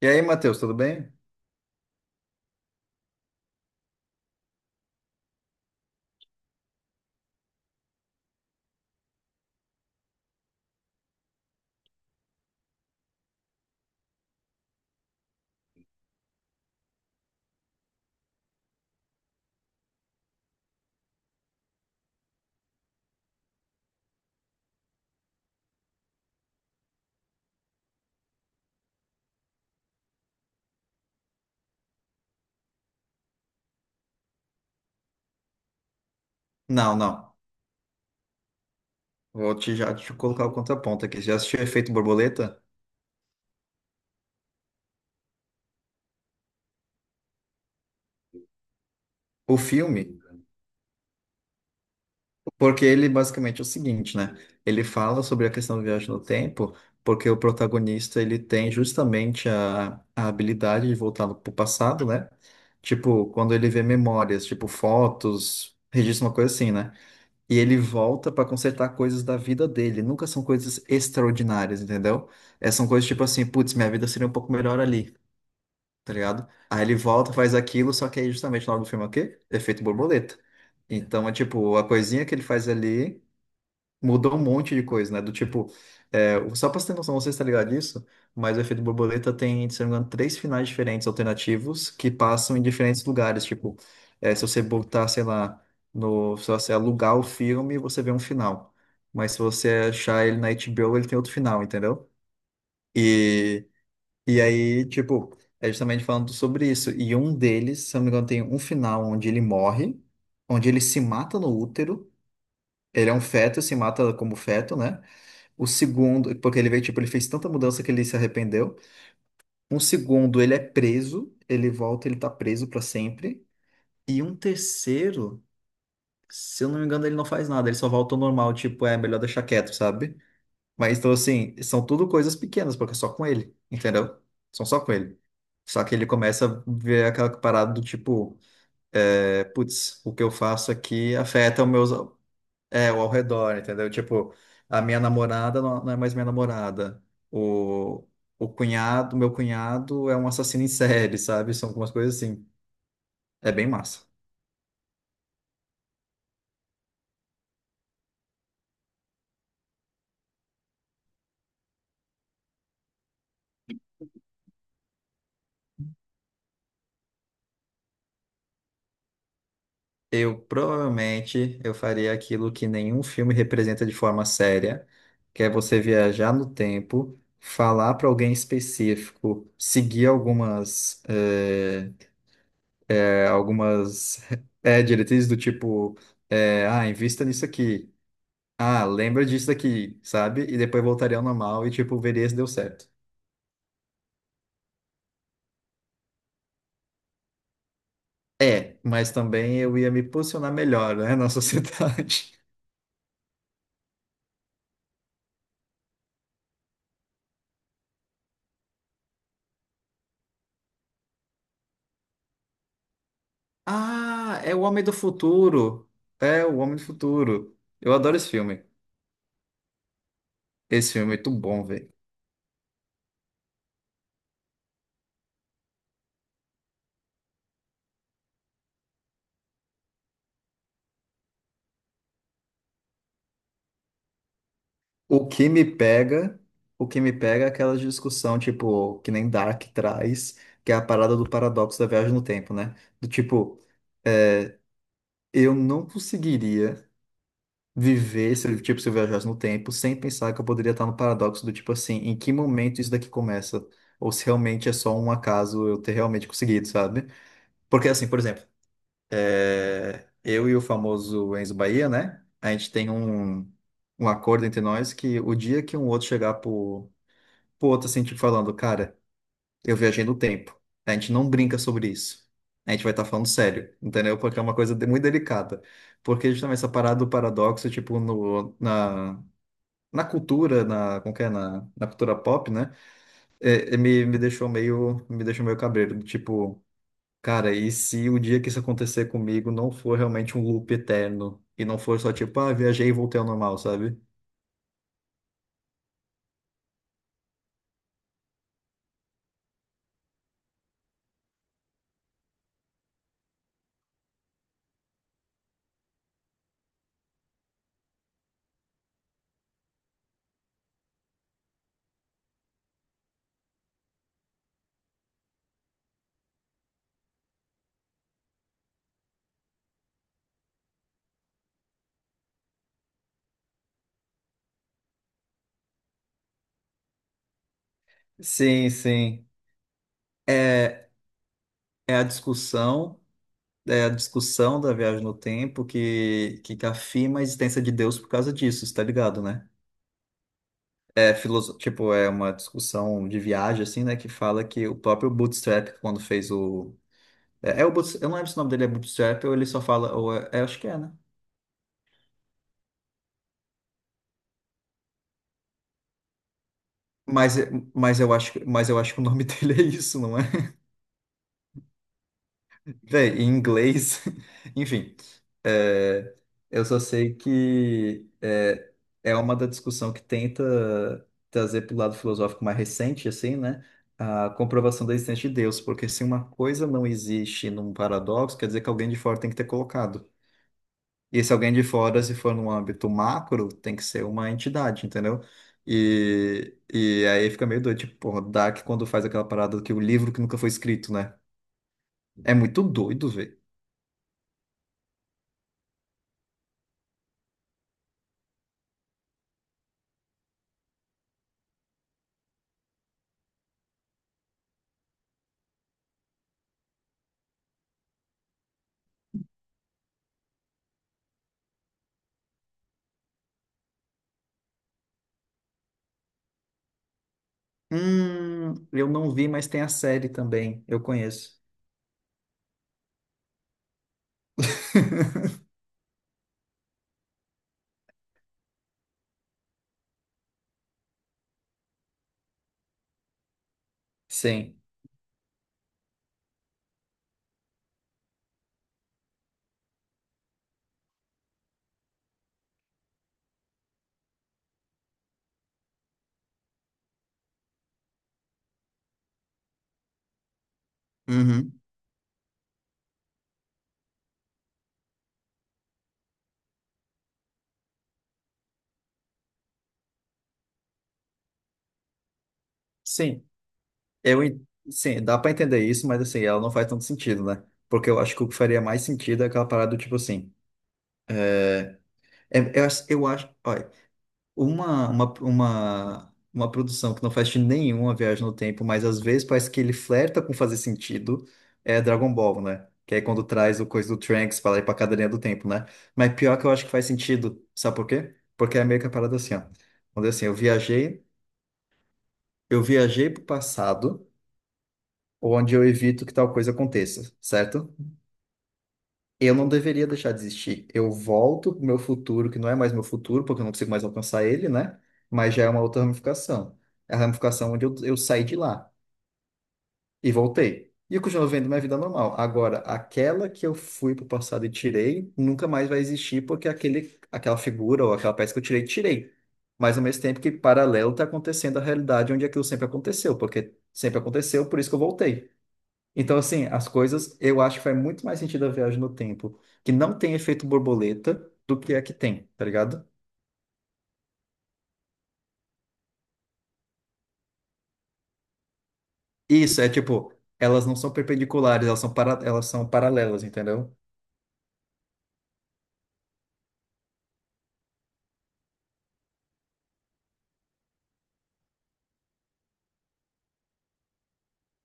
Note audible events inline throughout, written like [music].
E aí, Matheus, tudo bem? Não, não. Vou te colocar o contraponto aqui. Já assistiu Efeito Borboleta? O filme? Porque ele basicamente é o seguinte, né? Ele fala sobre a questão do viagem no tempo, porque o protagonista ele tem justamente a habilidade de voltar para o passado, né? Tipo, quando ele vê memórias, tipo fotos, registro uma coisa assim, né? E ele volta para consertar coisas da vida dele. Nunca são coisas extraordinárias, entendeu? É, são coisas tipo assim, putz, minha vida seria um pouco melhor ali, tá ligado? Aí ele volta, faz aquilo, só que aí justamente o nome do filme é o quê? Efeito borboleta. Então é tipo, a coisinha que ele faz ali mudou um monte de coisa, né? Do tipo, só pra você ter noção, não sei se tá ligado disso, mas o efeito borboleta tem, se não me engano, três finais diferentes alternativos que passam em diferentes lugares. Tipo, é, se você botar, sei lá, no, se você alugar o filme, você vê um final. Mas se você achar ele na HBO, ele tem outro final, entendeu? e e aí, tipo, é justamente falando sobre isso. E um deles, se eu não me engano, tem um final onde ele morre, onde ele se mata no útero. Ele é um feto, se mata como feto, né? O segundo, porque ele veio, tipo, ele fez tanta mudança que ele se arrependeu. Um segundo, ele é preso, ele volta, ele tá preso pra sempre. E um terceiro, se eu não me engano, ele não faz nada, ele só volta ao normal, tipo, é melhor deixar quieto, sabe? Mas então, assim, são tudo coisas pequenas, porque é só com ele, entendeu? São só com ele. Só que ele começa a ver aquela parada do tipo, é, putz, o que eu faço aqui afeta o meus, é, o ao redor, entendeu? Tipo, a minha namorada não é mais minha namorada. O, o cunhado, meu cunhado é um assassino em série, sabe? São algumas coisas assim. É bem massa. Eu provavelmente eu faria aquilo que nenhum filme representa de forma séria, que é você viajar no tempo, falar para alguém específico, seguir algumas diretrizes do tipo invista nisso aqui, ah, lembra disso aqui, sabe? E depois voltaria ao normal e tipo veria se deu certo. É, mas também eu ia me posicionar melhor, né, [laughs] na sociedade. Ah, é o Homem do Futuro. É o Homem do Futuro. Eu adoro esse filme. Esse filme é muito bom, velho. O que me pega, o que me pega é aquela discussão, tipo, que nem Dark traz, que é a parada do paradoxo da viagem no tempo, né? Do tipo, eu não conseguiria viver se, eu- tipo, se eu viajasse no tempo sem pensar que eu poderia estar no paradoxo do tipo assim, em que momento isso daqui começa? Ou se realmente é só um acaso eu ter realmente conseguido, sabe? Porque assim, por exemplo, É, eu e o famoso Enzo Bahia, né? A gente tem um, um acordo entre nós que o dia que um outro chegar pro outro assim, tipo, falando, cara, eu viajei no tempo. A gente não brinca sobre isso. A gente vai estar falando sério, entendeu? Porque é uma coisa muito delicada. Porque justamente essa parada do paradoxo, tipo, no, na, na cultura, na, como que é? Na cultura pop, né? Me deixou meio cabreiro. Tipo, cara, e se o dia que isso acontecer comigo não for realmente um loop eterno e não for só tipo, ah, viajei e voltei ao normal, sabe? Sim, sim. É, é a discussão, é a discussão da viagem no tempo que afirma a existência de Deus por causa disso, tá ligado, né? É filoso... tipo, é uma discussão de viagem, assim, né, que fala que o próprio Bootstrap, quando fez o... Eu não lembro se o nome dele é Bootstrap ou ele só fala... Ou é... é, acho que é, né? Mas, mas, eu acho, mas eu acho que o nome [laughs] dele é isso, não é? Véi, em inglês, [laughs] enfim, é, eu só sei que é, é uma da discussão que tenta trazer para o lado filosófico mais recente, assim, né? A comprovação da existência de Deus, porque se uma coisa não existe num paradoxo, quer dizer que alguém de fora tem que ter colocado. E se alguém de fora, se for num âmbito macro, tem que ser uma entidade, entendeu? E aí fica meio doido, tipo, porra, Dark quando faz aquela parada que o livro que nunca foi escrito, né? É muito doido, velho. Eu não vi, mas tem a série também. Eu conheço. [laughs] Sim. Uhum. Sim. Sim, dá pra entender isso, mas assim, ela não faz tanto sentido, né? Porque eu acho que o que faria mais sentido é aquela parada do tipo assim. Eu acho. Ó, Uma produção que não faz sentido nenhum a viagem no tempo, mas às vezes parece que ele flerta com fazer sentido, é Dragon Ball, né? Que é quando traz o coisa do Trunks pra lá e pra cadeirinha do tempo, né? Mas pior que eu acho que faz sentido, sabe por quê? Porque é meio que a parada assim, ó. Quando é assim, eu viajei pro passado, onde eu evito que tal coisa aconteça, certo? Eu não deveria deixar de existir. Eu volto pro meu futuro, que não é mais meu futuro, porque eu não consigo mais alcançar ele, né? Mas já é uma outra ramificação. É a ramificação onde eu saí de lá e voltei. E eu continuo vivendo minha vida normal. Agora, aquela que eu fui pro passado e tirei, nunca mais vai existir, porque aquela figura ou aquela peça que eu tirei, tirei. Mas ao mesmo tempo que paralelo está acontecendo a realidade onde aquilo sempre aconteceu, porque sempre aconteceu, por isso que eu voltei. Então, assim, as coisas, eu acho que faz muito mais sentido a viagem no tempo, que não tem efeito borboleta, do que a que tem, tá ligado? Isso, é tipo, elas não são perpendiculares, elas elas são paralelas, entendeu?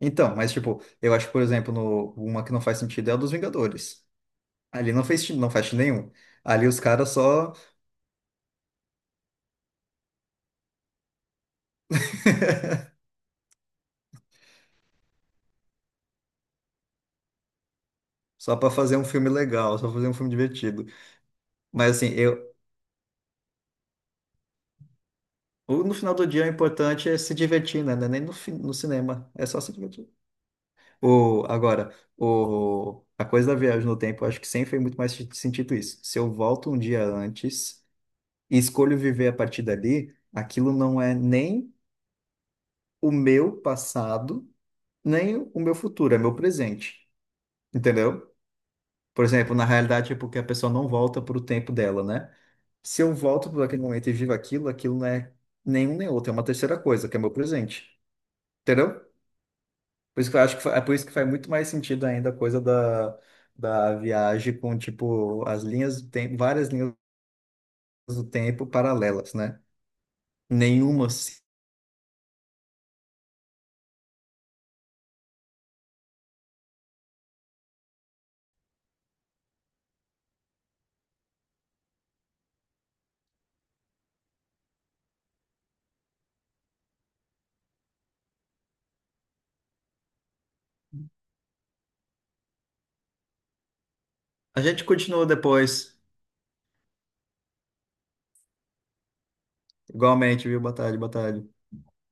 Então, mas tipo, eu acho que, por exemplo, uma que não faz sentido é a dos Vingadores. Ali não fez, não faz sentido nenhum. Ali os caras só, só para fazer um filme legal, só fazer um filme divertido. Mas assim, eu, no final do dia o importante é se divertir, né? Não é nem no cinema, é só se divertir. Agora, o, a coisa da viagem no tempo, eu acho que sempre fez muito mais sentido isso. Se eu volto um dia antes e escolho viver a partir dali, aquilo não é nem o meu passado, nem o meu futuro, é meu presente. Entendeu? Por exemplo, na realidade é porque a pessoa não volta para o tempo dela, né? Se eu volto para aquele momento e vivo aquilo, aquilo não é nenhum nem outro, é uma terceira coisa, que é meu presente. Entendeu? Por isso que eu acho que é por isso que faz muito mais sentido ainda a coisa da, da viagem com, tipo, as linhas do tempo, várias linhas do tempo paralelas, né? Nenhuma. Se- A gente continua depois. Igualmente, viu? Boa tarde, boa tarde.